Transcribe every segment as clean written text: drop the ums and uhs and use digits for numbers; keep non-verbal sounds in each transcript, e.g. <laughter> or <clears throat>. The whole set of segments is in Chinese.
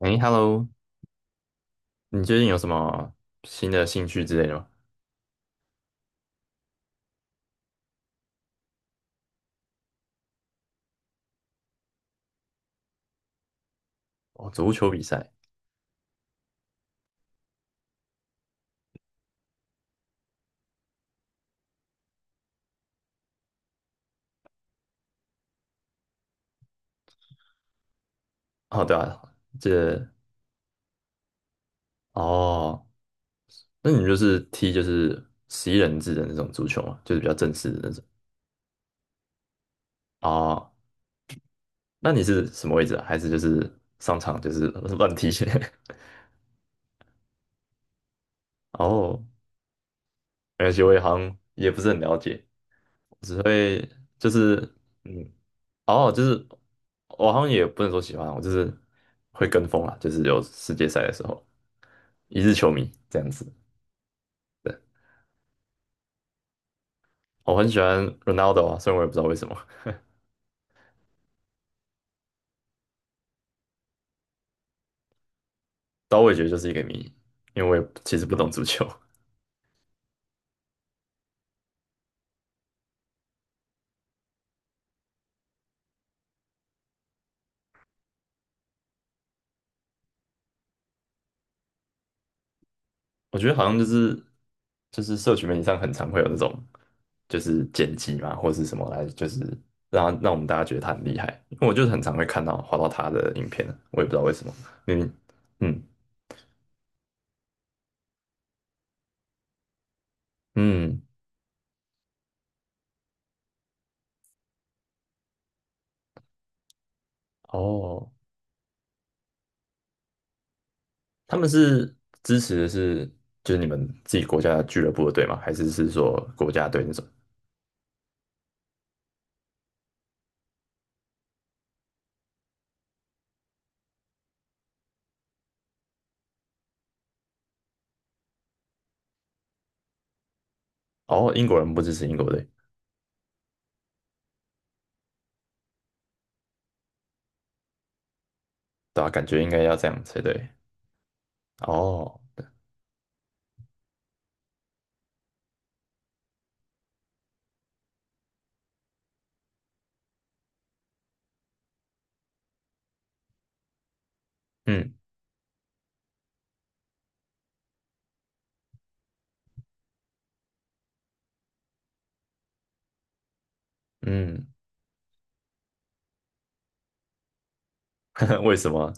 哎，Hello，你最近有什么新的兴趣之类的吗？哦，足球比赛。哦，对啊，这哦，那你就是踢就是11人制的那种足球嘛，就是比较正式的那种。哦，那你是什么位置啊？还是就是上场就是 <laughs> 乱踢？<laughs> 哦，没关系，我也好像也不是很了解，我只会就是嗯，哦，我好像也不能说喜欢啊，我就是会跟风啦，就是有世界赛的时候，一日球迷这样子。我很喜欢 Ronaldo 啊，虽然我也不知道为什么，但我也觉得就是一个谜，因为我也其实不懂足球。<laughs> 我觉得好像就是社群媒体上很常会有那种就是剪辑嘛，或者是什么来，就是让我们大家觉得他很厉害。因为我就是很常会滑到他的影片啊，我也不知道为什么。明明。嗯嗯哦，他们是支持的是就是你们自己国家俱乐部的队吗？还是是说国家队那种？哦，英国人不支持英国队，对吧？感觉应该要这样才对。哦，嗯嗯，<laughs> 为什么？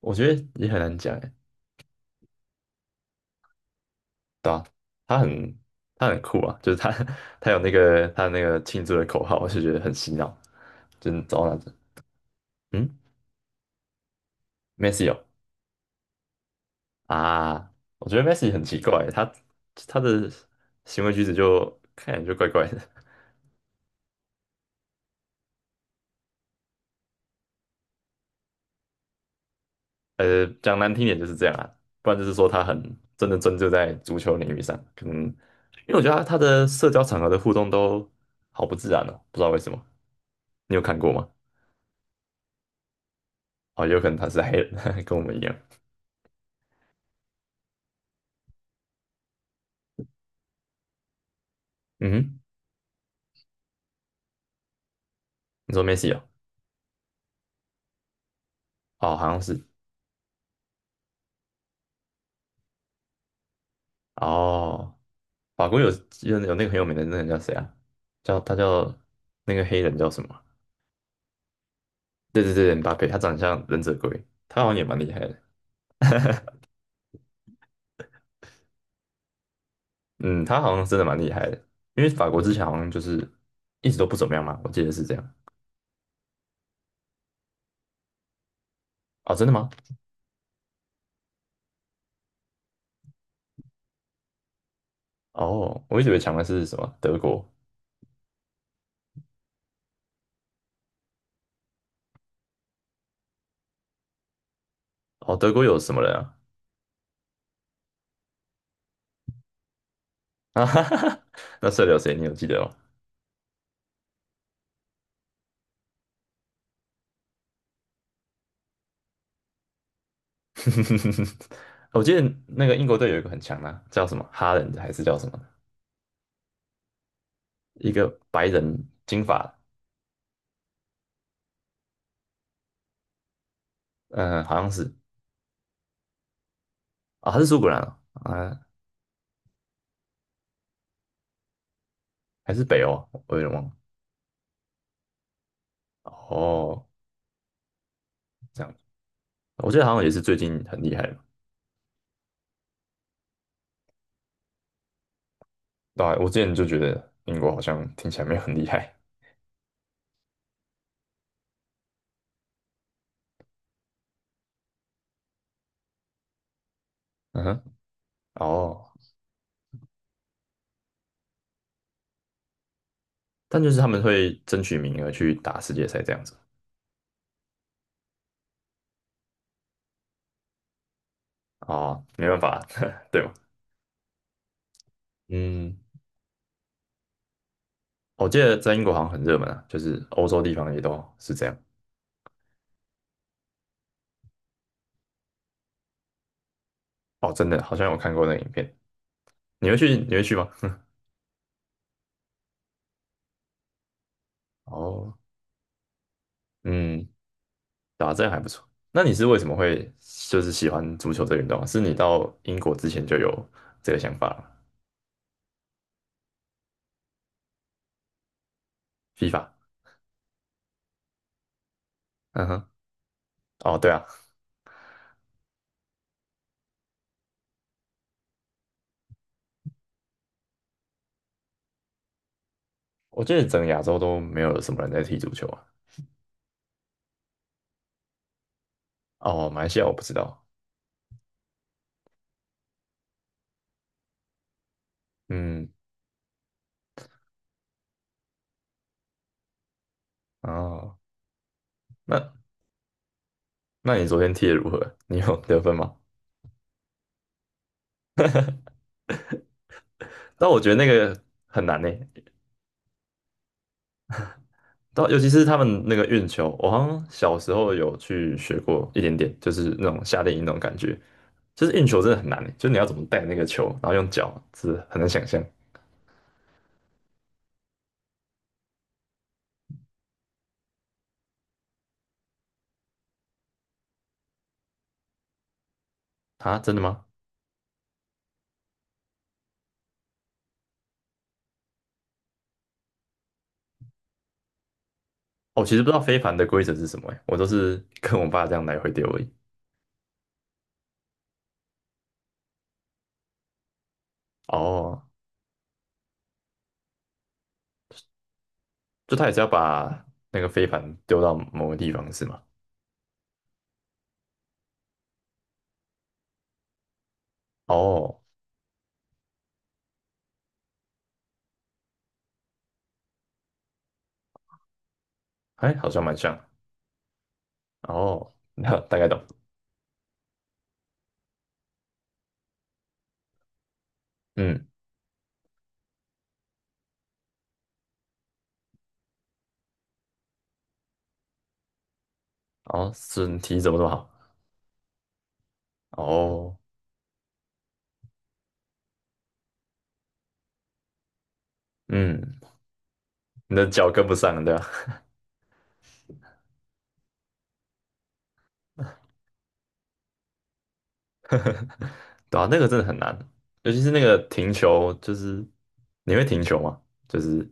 我觉得也很难讲诶，对吧、他很他很酷啊，就是他 <laughs> 他有那个他那个庆祝的口号，我就觉得很洗脑，就是找哪着，嗯，Messi 哦啊，我觉得 Messi 很奇怪欸，他的行为举止就看起来就怪怪的，<laughs> 讲难听点就是这样啊，不然就是说他真的专注在足球领域上，可能因为我觉得他的社交场合的互动都好不自然哦，不知道为什么。你有看过吗？哦，有可能他是黑人，<laughs> 跟我们一样。嗯哼，你说梅西哦？哦，好像是。哦，法国有那个很有名的那个人叫谁啊？叫那个黑人叫什么啊？对对对，姆巴佩，他长得像忍者龟，他好像也蛮厉害的。嗯，他好像真的蛮厉害的，因为法国之前好像就是一直都不怎么样嘛，我记得是这样。哦，真的吗？哦，我一直以为强的是什么德国。哦，德国有什么人啊？<laughs> 啊哈哈哈，那射流谁？你有记得吗？<laughs> 我记得那个英国队有一个很强的啊叫什么哈兰还是叫什么？一个白人金发，嗯、好像是啊，他是苏格兰啊，啊还是北欧啊？我有点忘了。哦，这样，我记得好像也是最近很厉害嘛。对啊我之前就觉得英国好像听起来没有很厉害。嗯哼，哦，但就是他们会争取名额去打世界赛这样子。哦，没办法，<laughs> 对吧？嗯，我记得在英国好像很热门啊，就是欧洲地方也都是这样。哦，真的，好像有看过那个影片。你会去吗？<laughs> 哦，嗯，打针还不错。那你是为什么会就是喜欢足球这个运动啊是你到英国之前就有这个想法了吗 f 嗯哼，哦，对啊，我记得整个亚洲都没有什么人在踢足球啊。哦，马来西亚我不知道。嗯，哦，那那你昨天踢的如何？你有得分吗？但我觉得那个很难呢。尤其是他们那个运球，我好像小时候有去学过一点点，就是那种夏令营那种感觉。就是运球真的很难欸，就是你要怎么带那个球，然后用脚，是很难想象啊！真的吗？哦，其实不知道飞盘的规则是什么欸，我都是跟我爸这样来回丢而已。哦，就他也是要把那个飞盘丢到某个地方是吗？哦，哎，好像蛮像。哦，那大概懂。嗯，哦，身体怎么这么好？哦，嗯，你的脚跟不上，对吧？对啊，那个真的很难，尤其是那个停球，就是你会停球吗？就是，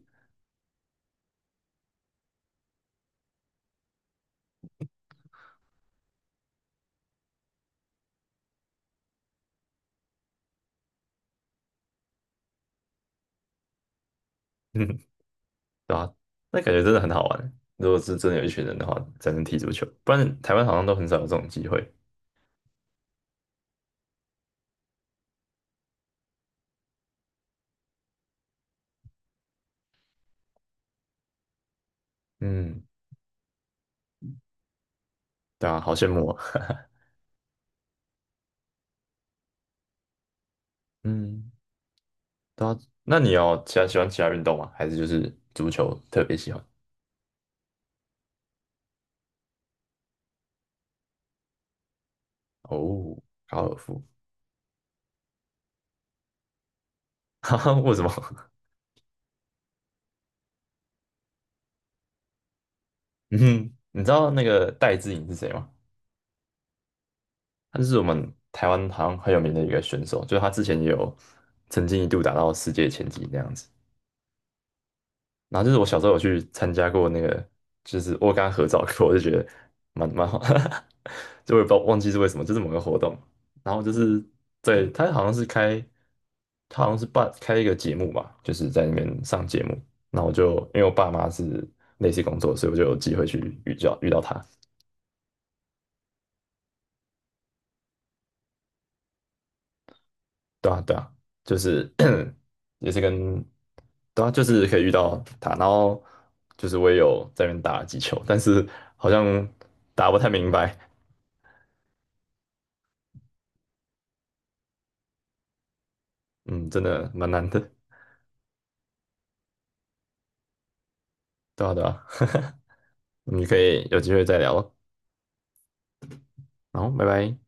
<laughs> 嗯，对啊，那感觉真的很好玩。如果是真的有一群人的话，才能踢足球，不然台湾好像都很少有这种机会。嗯，对啊，好羡慕啊。嗯，对啊，那你要其他喜欢其他运动吗？还是就是足球特别喜欢？哦，高尔夫，<laughs> 哈哈，为什么？<laughs> 嗯，你知道那个戴资颖是谁吗？他是我们台湾好像很有名的一个选手，就是他之前也有曾经一度打到世界前几那样子。然后就是我小时候有去参加过那个，就是我有跟他合照过，我就觉得蛮好，<laughs> 就我也不知道忘记是为什么，就是某个活动。然后就是对他好像是开，他好像是办开一个节目吧，就是在那边上节目。那我就因为我爸妈是类似工作，所以我就有机会去遇到他。对啊，对啊，就是 <clears throat> 也是跟，对啊，就是可以遇到他，然后就是我也有在那边打了几球，但是好像打不太明白，嗯，真的蛮难的，对啊，对啊，<laughs> 你可以有机会再聊咯，然后拜拜。